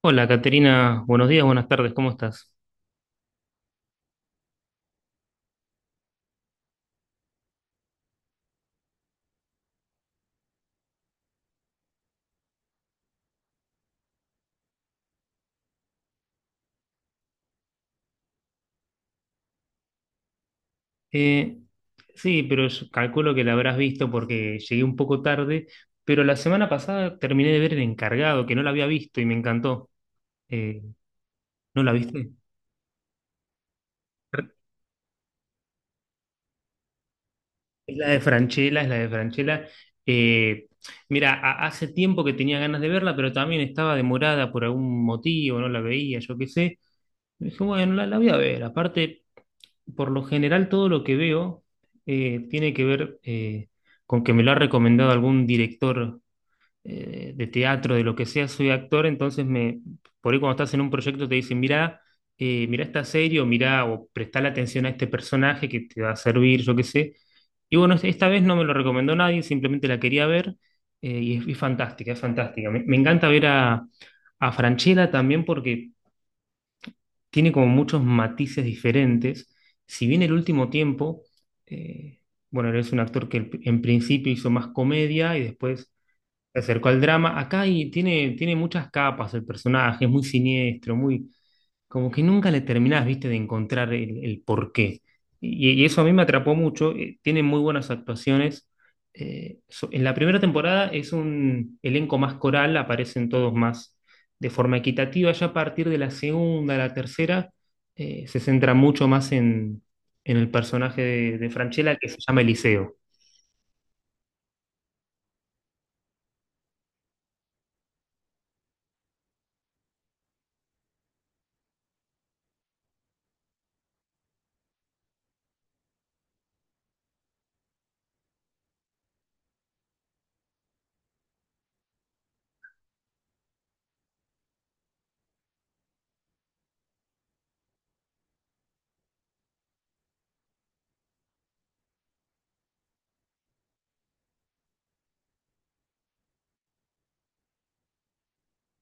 Hola, Caterina, buenos días, buenas tardes, ¿cómo estás? Eh, sí, pero yo calculo que la habrás visto porque llegué un poco tarde, pero la semana pasada terminé de ver El Encargado, que no la había visto y me encantó. Eh, ¿No la viste? Es la de Franchella, es la de Franchella. Eh, Mira, hace tiempo que tenía ganas de verla, pero también estaba demorada por algún motivo, no la veía, yo qué sé. Dije, bueno, la voy a ver, aparte. Por lo general todo lo que veo tiene que ver con que me lo ha recomendado algún director de teatro, de lo que sea, soy actor, entonces me, por ahí cuando estás en un proyecto te dicen, mirá, mirá esta serie o mirá o prestale atención a este personaje que te va a servir, yo qué sé. Y bueno, esta vez no me lo recomendó nadie, simplemente la quería ver, y es fantástica, es fantástica. Me encanta ver a Francella también porque tiene como muchos matices diferentes. Si bien el último tiempo, eh, bueno, él es un actor que en principio hizo más comedia y después se acercó al drama, acá y tiene, tiene muchas capas el personaje, es muy siniestro, muy, como que nunca le terminás, viste, de encontrar el porqué. Y eso a mí me atrapó mucho. Tiene muy buenas actuaciones. En la primera temporada es un elenco más coral, aparecen todos más de forma equitativa. Ya a partir de la segunda, la tercera, se centra mucho más en el personaje de Francella que se llama Eliseo.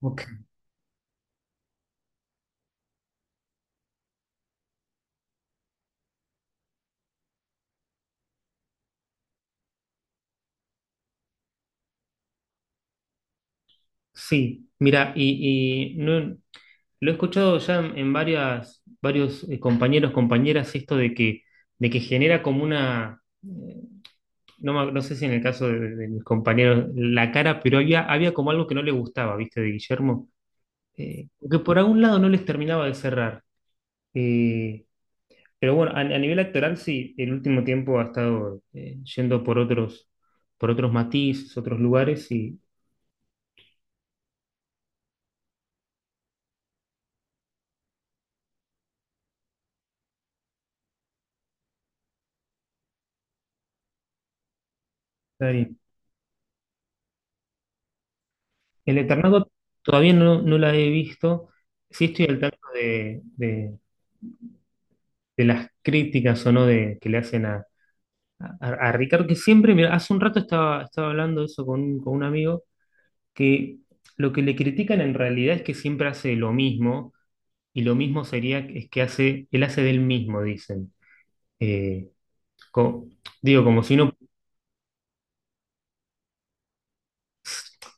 Ok. Sí, mira, y no, lo he escuchado ya en varias, varios compañeros, compañeras, esto de que genera como una, no, no sé si en el caso de mis compañeros, la cara, pero había, había como algo que no le gustaba, ¿viste? De Guillermo, que por algún lado no les terminaba de cerrar. Eh, pero bueno, a nivel actoral sí, el último tiempo ha estado yendo por otros matices, otros lugares y está bien. El Eternauta todavía no, no la he visto. Sí estoy al tanto de, de las críticas o no de, que le hacen a, a Ricardo, que siempre, mira, hace un rato estaba, estaba hablando de eso con, con un amigo, que lo que le critican en realidad es que siempre hace lo mismo, y lo mismo sería es que hace, él hace del mismo, dicen. Eh, co- Digo, como si uno,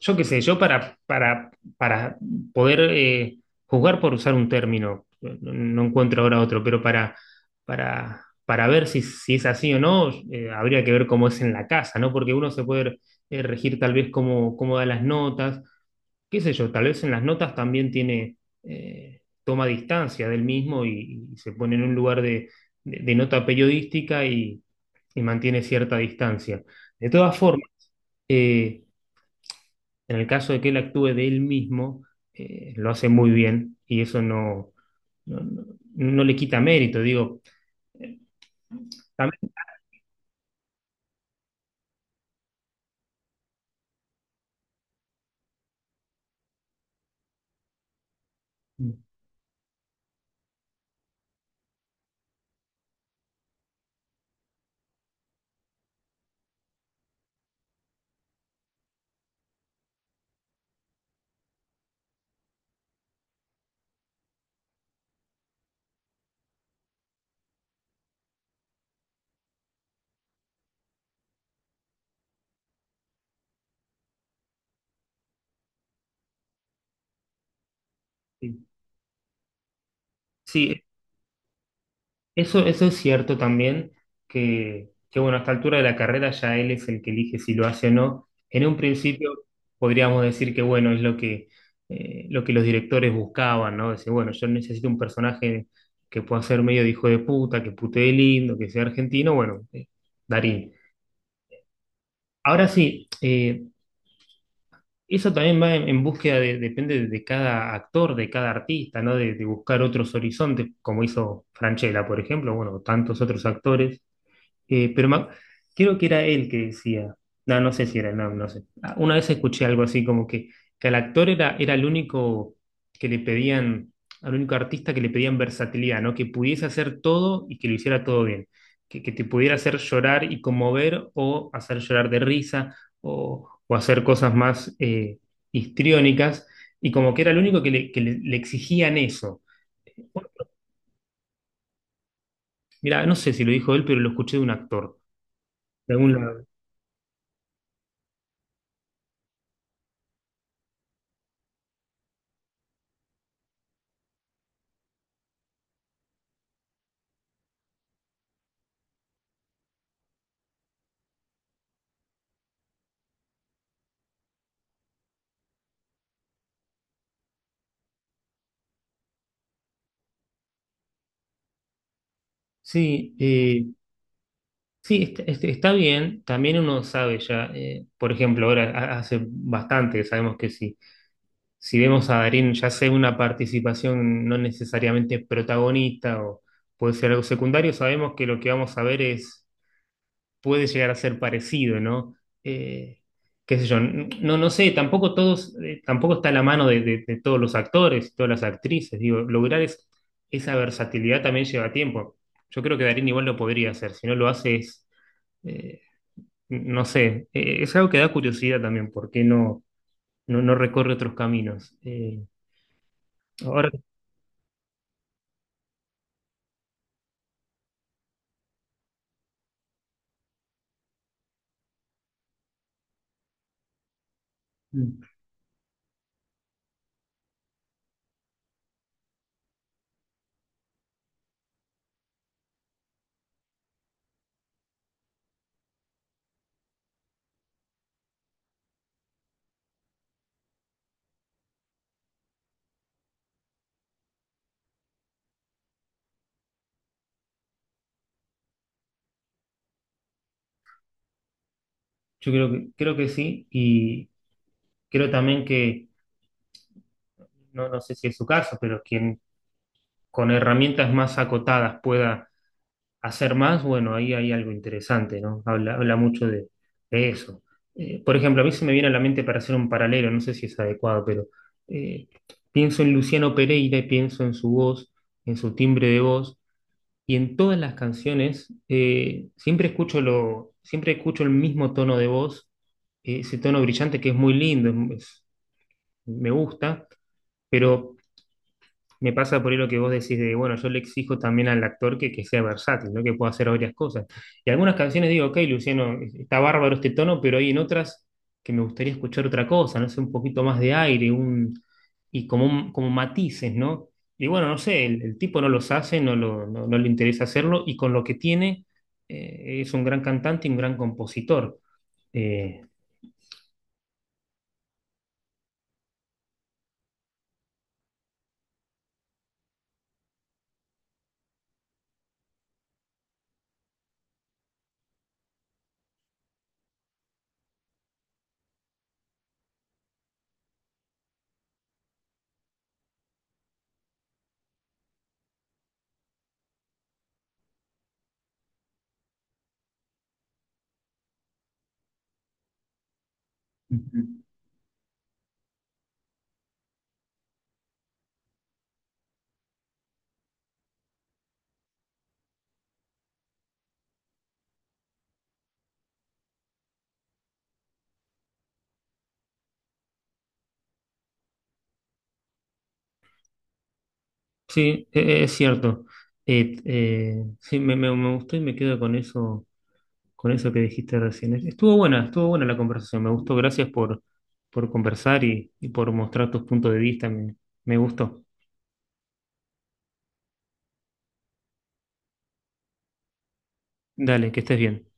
yo qué sé, yo para poder juzgar por usar un término, no, no encuentro ahora otro, pero para ver si, si es así o no, habría que ver cómo es en la casa, ¿no? Porque uno se puede regir tal vez cómo, cómo da las notas, qué sé yo, tal vez en las notas también tiene, toma distancia del mismo y se pone en un lugar de, de nota periodística y mantiene cierta distancia. De todas formas, eh, en el caso de que él actúe de él mismo, lo hace muy bien y eso no, no, no le quita mérito. Digo, también, sí, sí, eso es cierto también, que bueno, a esta altura de la carrera ya él es el que elige si lo hace o no. En un principio podríamos decir que bueno, es lo que los directores buscaban, ¿no? Decir, bueno, yo necesito un personaje que pueda ser medio de hijo de puta, que putee lindo, que sea argentino, bueno, Darín. Ahora sí, eso también va en búsqueda de, depende de cada actor, de cada artista, ¿no? De buscar otros horizontes, como hizo Franchella, por ejemplo, bueno, tantos otros actores, eh, pero me ac- creo que era él que decía, no, no sé si era, no, no sé. Ah, una vez escuché algo así como que al actor era, era el único que le pedían, al único artista que le pedían versatilidad, ¿no? Que pudiese hacer todo y que lo hiciera todo bien. Que te pudiera hacer llorar y conmover o hacer llorar de risa o hacer cosas más histriónicas. Y como que era el único que le, le exigían eso. Mira, no sé si lo dijo él, pero lo escuché de un actor. De algún lado. Sí, sí, está, bien. También uno sabe ya, por ejemplo, ahora hace bastante que sabemos que si, si vemos a Darín, ya sea una participación no necesariamente protagonista o puede ser algo secundario, sabemos que lo que vamos a ver es, puede llegar a ser parecido, ¿no? Eh, Qué sé yo, no, no sé, tampoco todos, tampoco está a la mano de, de todos los actores, todas las actrices. Digo, esa versatilidad también lleva tiempo. Yo creo que Darín igual lo podría hacer, si no lo hace es. eh, no sé, es algo que da curiosidad también, ¿por qué no, no, no recorre otros caminos? Ahora, mm, yo creo que sí, y creo también que, no, no sé si es su caso, pero quien con herramientas más acotadas pueda hacer más, bueno, ahí hay algo interesante, ¿no? Habla, habla mucho de eso. Por ejemplo, a mí se me viene a la mente para hacer un paralelo, no sé si es adecuado, pero eh, pienso en Luciano Pereira y pienso en su voz, en su timbre de voz. Y en todas las canciones siempre escucho lo, siempre escucho el mismo tono de voz, ese tono brillante que es muy lindo, me gusta, pero me pasa por ahí lo que vos decís de, bueno, yo le exijo también al actor que sea versátil, ¿no? Que pueda hacer varias cosas. Y algunas canciones digo, ok, Luciano, está bárbaro este tono, pero hay en otras que me gustaría escuchar otra cosa, no sé, un poquito más de aire, un, y como, como matices, ¿no? Y bueno, no sé, el tipo no los hace, no, no, no le interesa hacerlo, y con lo que tiene, es un gran cantante y un gran compositor. Eh, Ujú. Sí, es cierto. Sí, me, me, me gustó y me quedo con eso, con eso que dijiste recién. Estuvo buena la conversación, me gustó. Gracias por conversar y por mostrar tus puntos de vista, me gustó. Dale, que estés bien.